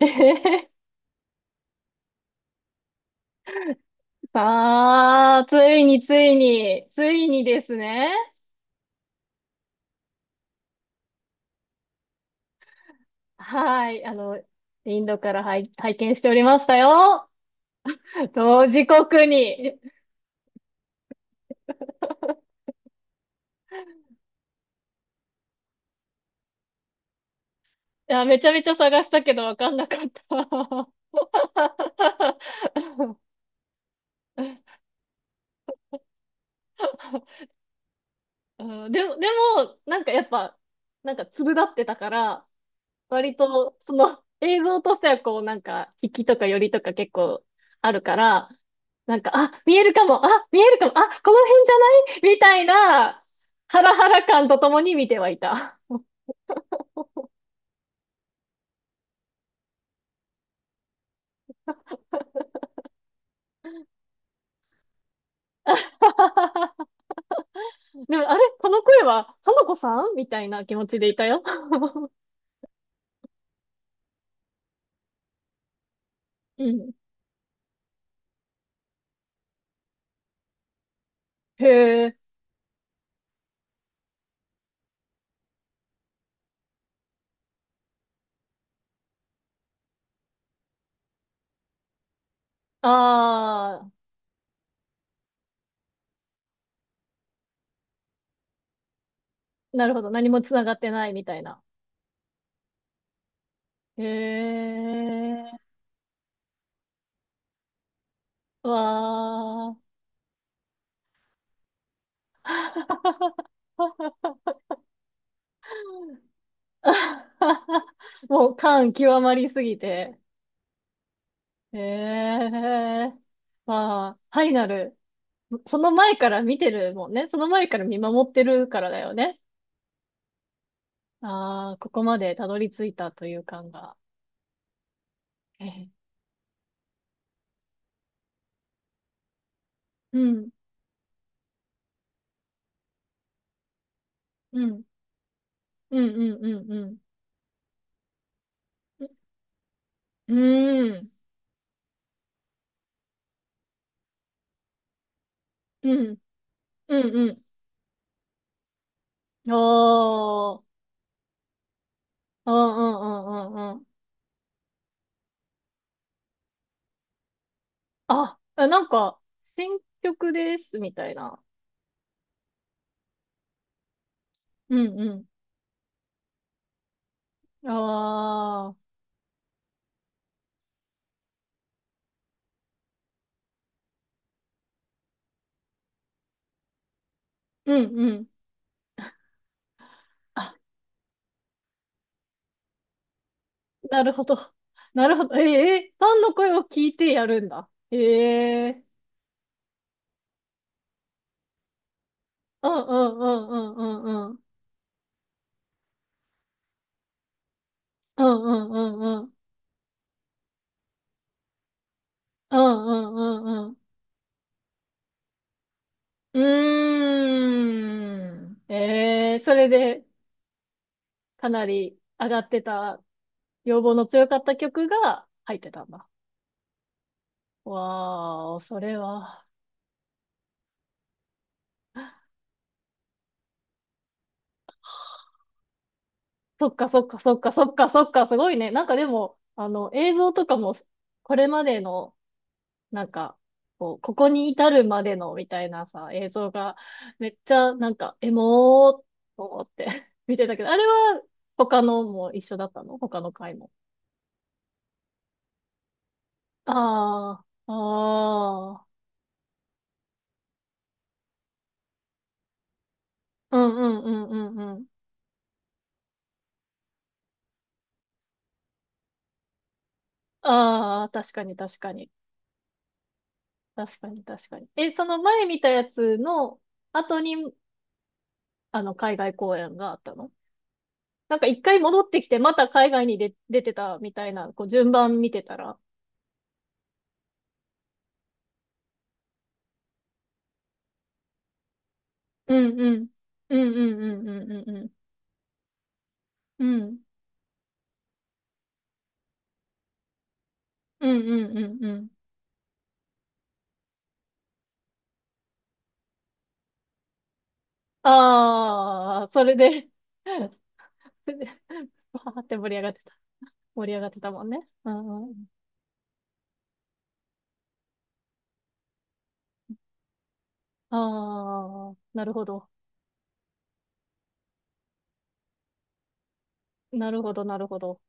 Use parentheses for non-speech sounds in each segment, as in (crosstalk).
えへへさあ、ついについに、ついにですね。はい、あの、インドから拝見しておりましたよ。同時刻に。いや、めちゃめちゃ探したけどわかんなかった。(laughs) うん、でも、なんかやっぱ、なんか粒立ってたから、割と、その映像としてはこうなんか、引きとか寄りとか結構あるから、なんか、あ、見えるかも、あ、見えるかも、あ、この辺じゃないみたいな、ハラハラ感とともに見てはいた。(laughs) でも、あれこの声は、花子さんみたいな気持ちでいたよ。うん。へえ。ああ、なるほど。何もつながってないみたいな。へえ。わあ。(laughs) (laughs) もう感極まりすぎて。ええ、まあ、ファイナル、その前から見てるもんね。その前から見守ってるからだよね。ああ、ここまでたどり着いたという感が。ええ、うん、うん、うん、うん、うん、うん。うん、うん、うん、うん。おー、うん、うん、うん、うん。うん、あ、あなんか、新曲です、みたいな。うん、うん。ああ、うん、うん。あ、なるほど。なるほど。え、ええファンの声を聞いてやるんだ。ええ、うんうんうんうんうんうん。うんうんうんうん。うんうんうんうん。うーん。ええ、それでかなり上がってた、要望の強かった曲が入ってたんだ。わー、それは。そっかそっかそっかそっかそっか、すごいね。なんかでも、あの、映像とかも、これまでのなんか、こう、ここに至るまでのみたいなさ、映像が、めっちゃ、なんか、エモーっと思って (laughs) 見てたけど、あれは、他のも一緒だったの、他の回も。ああ、ああ、うんうんうんうんうん。ああ、確かに確かに。確かに確かに。え、その前見たやつの後に、あの、海外公演があったの、なんか一回戻ってきて、また海外に出てたみたいな、こう、順番見てたら、うんうん。うんうんうんうんうんうん。うんうんうんうんうん。ああ、それで (laughs) それでわーって盛り上がってた。盛り上がってたもんね。うんうん。ああ、なるほど。なるほど、なるほど。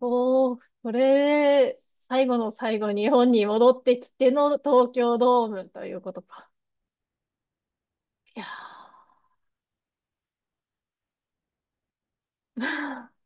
おー、これ、最後の最後、日本に戻ってきての東京ドームということか。いやー。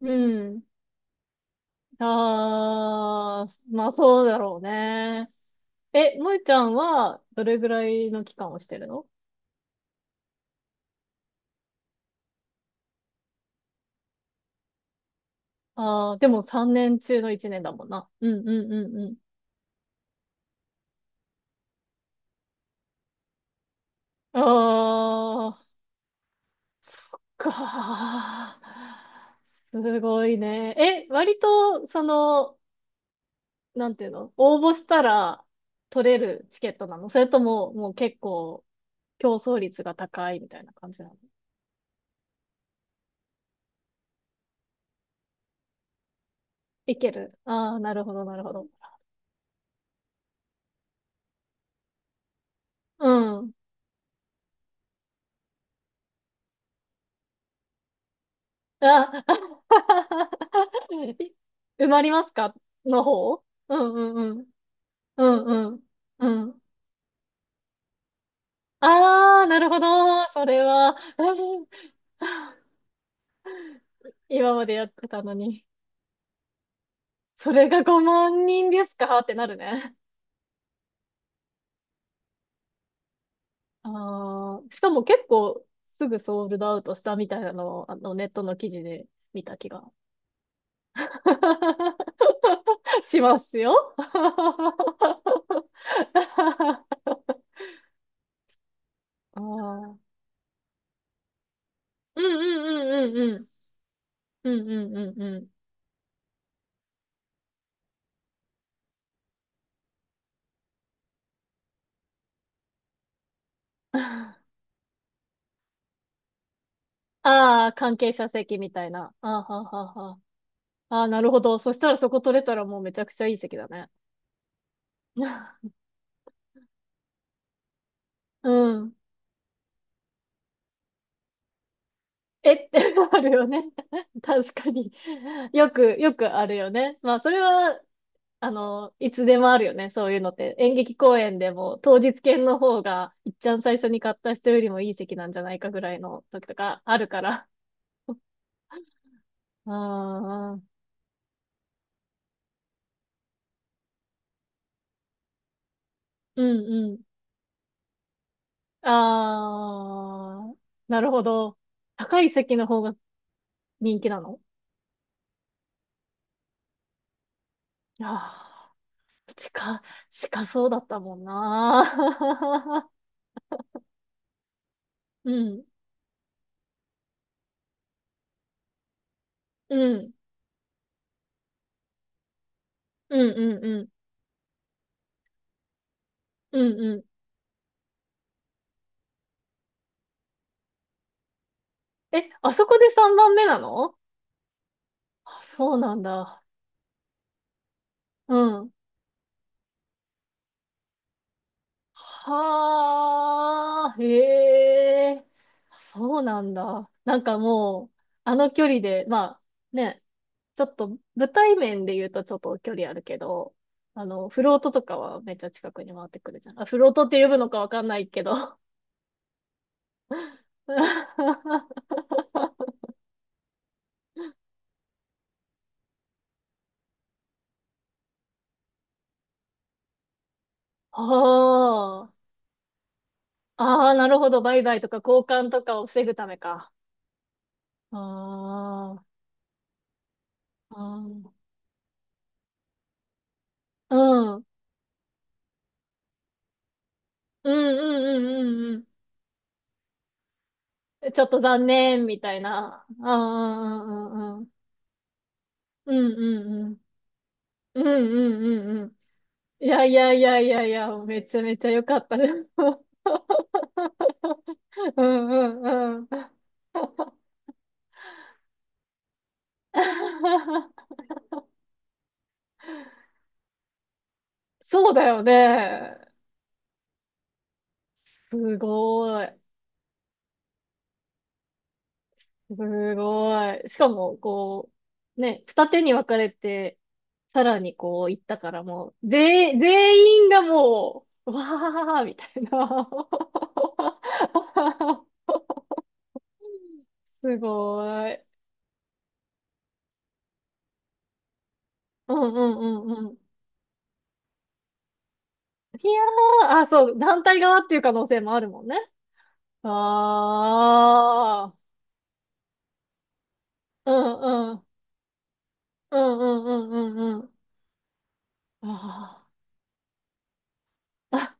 (laughs) うん。ああ、まあそうだろうね。え、萌ちゃんはどれぐらいの期間をしてるの？ああー、でも3年中の1年だもんな。うんうんうんうん。ああ、かーすごいね。え、割と、その、なんていうの、応募したら取れるチケットなの、それとも、もう結構競争率が高いみたいな感じなの？いける、ああー、なるほどなるほど。うん。あ、(laughs) い、埋まりますかの方。うんうんうん。うんうん。うん。ああ、なるほど。それは、(laughs) うん、今までやってたのに。それが5万人ですかってなるね。ああ、しかも結構すぐソールドアウトしたみたいなのを、あの、ネットの記事で見た気が (laughs) しますよ。(laughs) ああ。うんうんうんうんうん。うんうんうんうん。(laughs) ああ、関係者席みたいな。ああ、はあはあはあ。ああ、なるほど。そしたらそこ取れたらもうめちゃくちゃいい席だね。(laughs) うん。えって (laughs) あるよね。(laughs) 確かに。よくあるよね。まあ、それは、あの、いつでもあるよね。そういうのって。演劇公演でも、当日券の方が、いっちゃん最初に買った人よりもいい席なんじゃないかぐらいの時とかあるから。(laughs) ああ、うんうん、あー、なるほど。高い席の方が人気なの？ああー、近そうだったもんな。(laughs) うん、うん、うん、うん、うん、うん、うん。え、あそこで3番目なの？あ、そうなんだ。うん。はあ、へえ、そうなんだ。なんかもう、あの距離で、まあ、ね、ちょっと舞台面で言うとちょっと距離あるけど、あの、フロートとかはめっちゃ近くに回ってくるじゃん。あ、フロートって呼ぶのかわかんないけど。(laughs) ああ、ああ、なるほど。売買とか交換とかを防ぐためか。ああ、ああ、うん、うん、うん、うん、うん、うん。ちょっと残念、みたいな。ああ、うん、うん、うん、うん、うん、うん、うん、うん、うん、うん、うん、うん、いやいやいやいやいや、めちゃめちゃ良かったです。(laughs) うんうんうん。(laughs) そうだよね。すごい。すごい。しかも、こう、ね、二手に分かれて、さらにこう行ったからもう、全員、全員がもう、わーみたいな。(laughs) すごい。うんうんうん、いやー、あ、そう、団体側っていう可能性もあるもんね。ああ、うんうん、うんうんうんうんうん。ああ。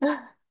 (laughs)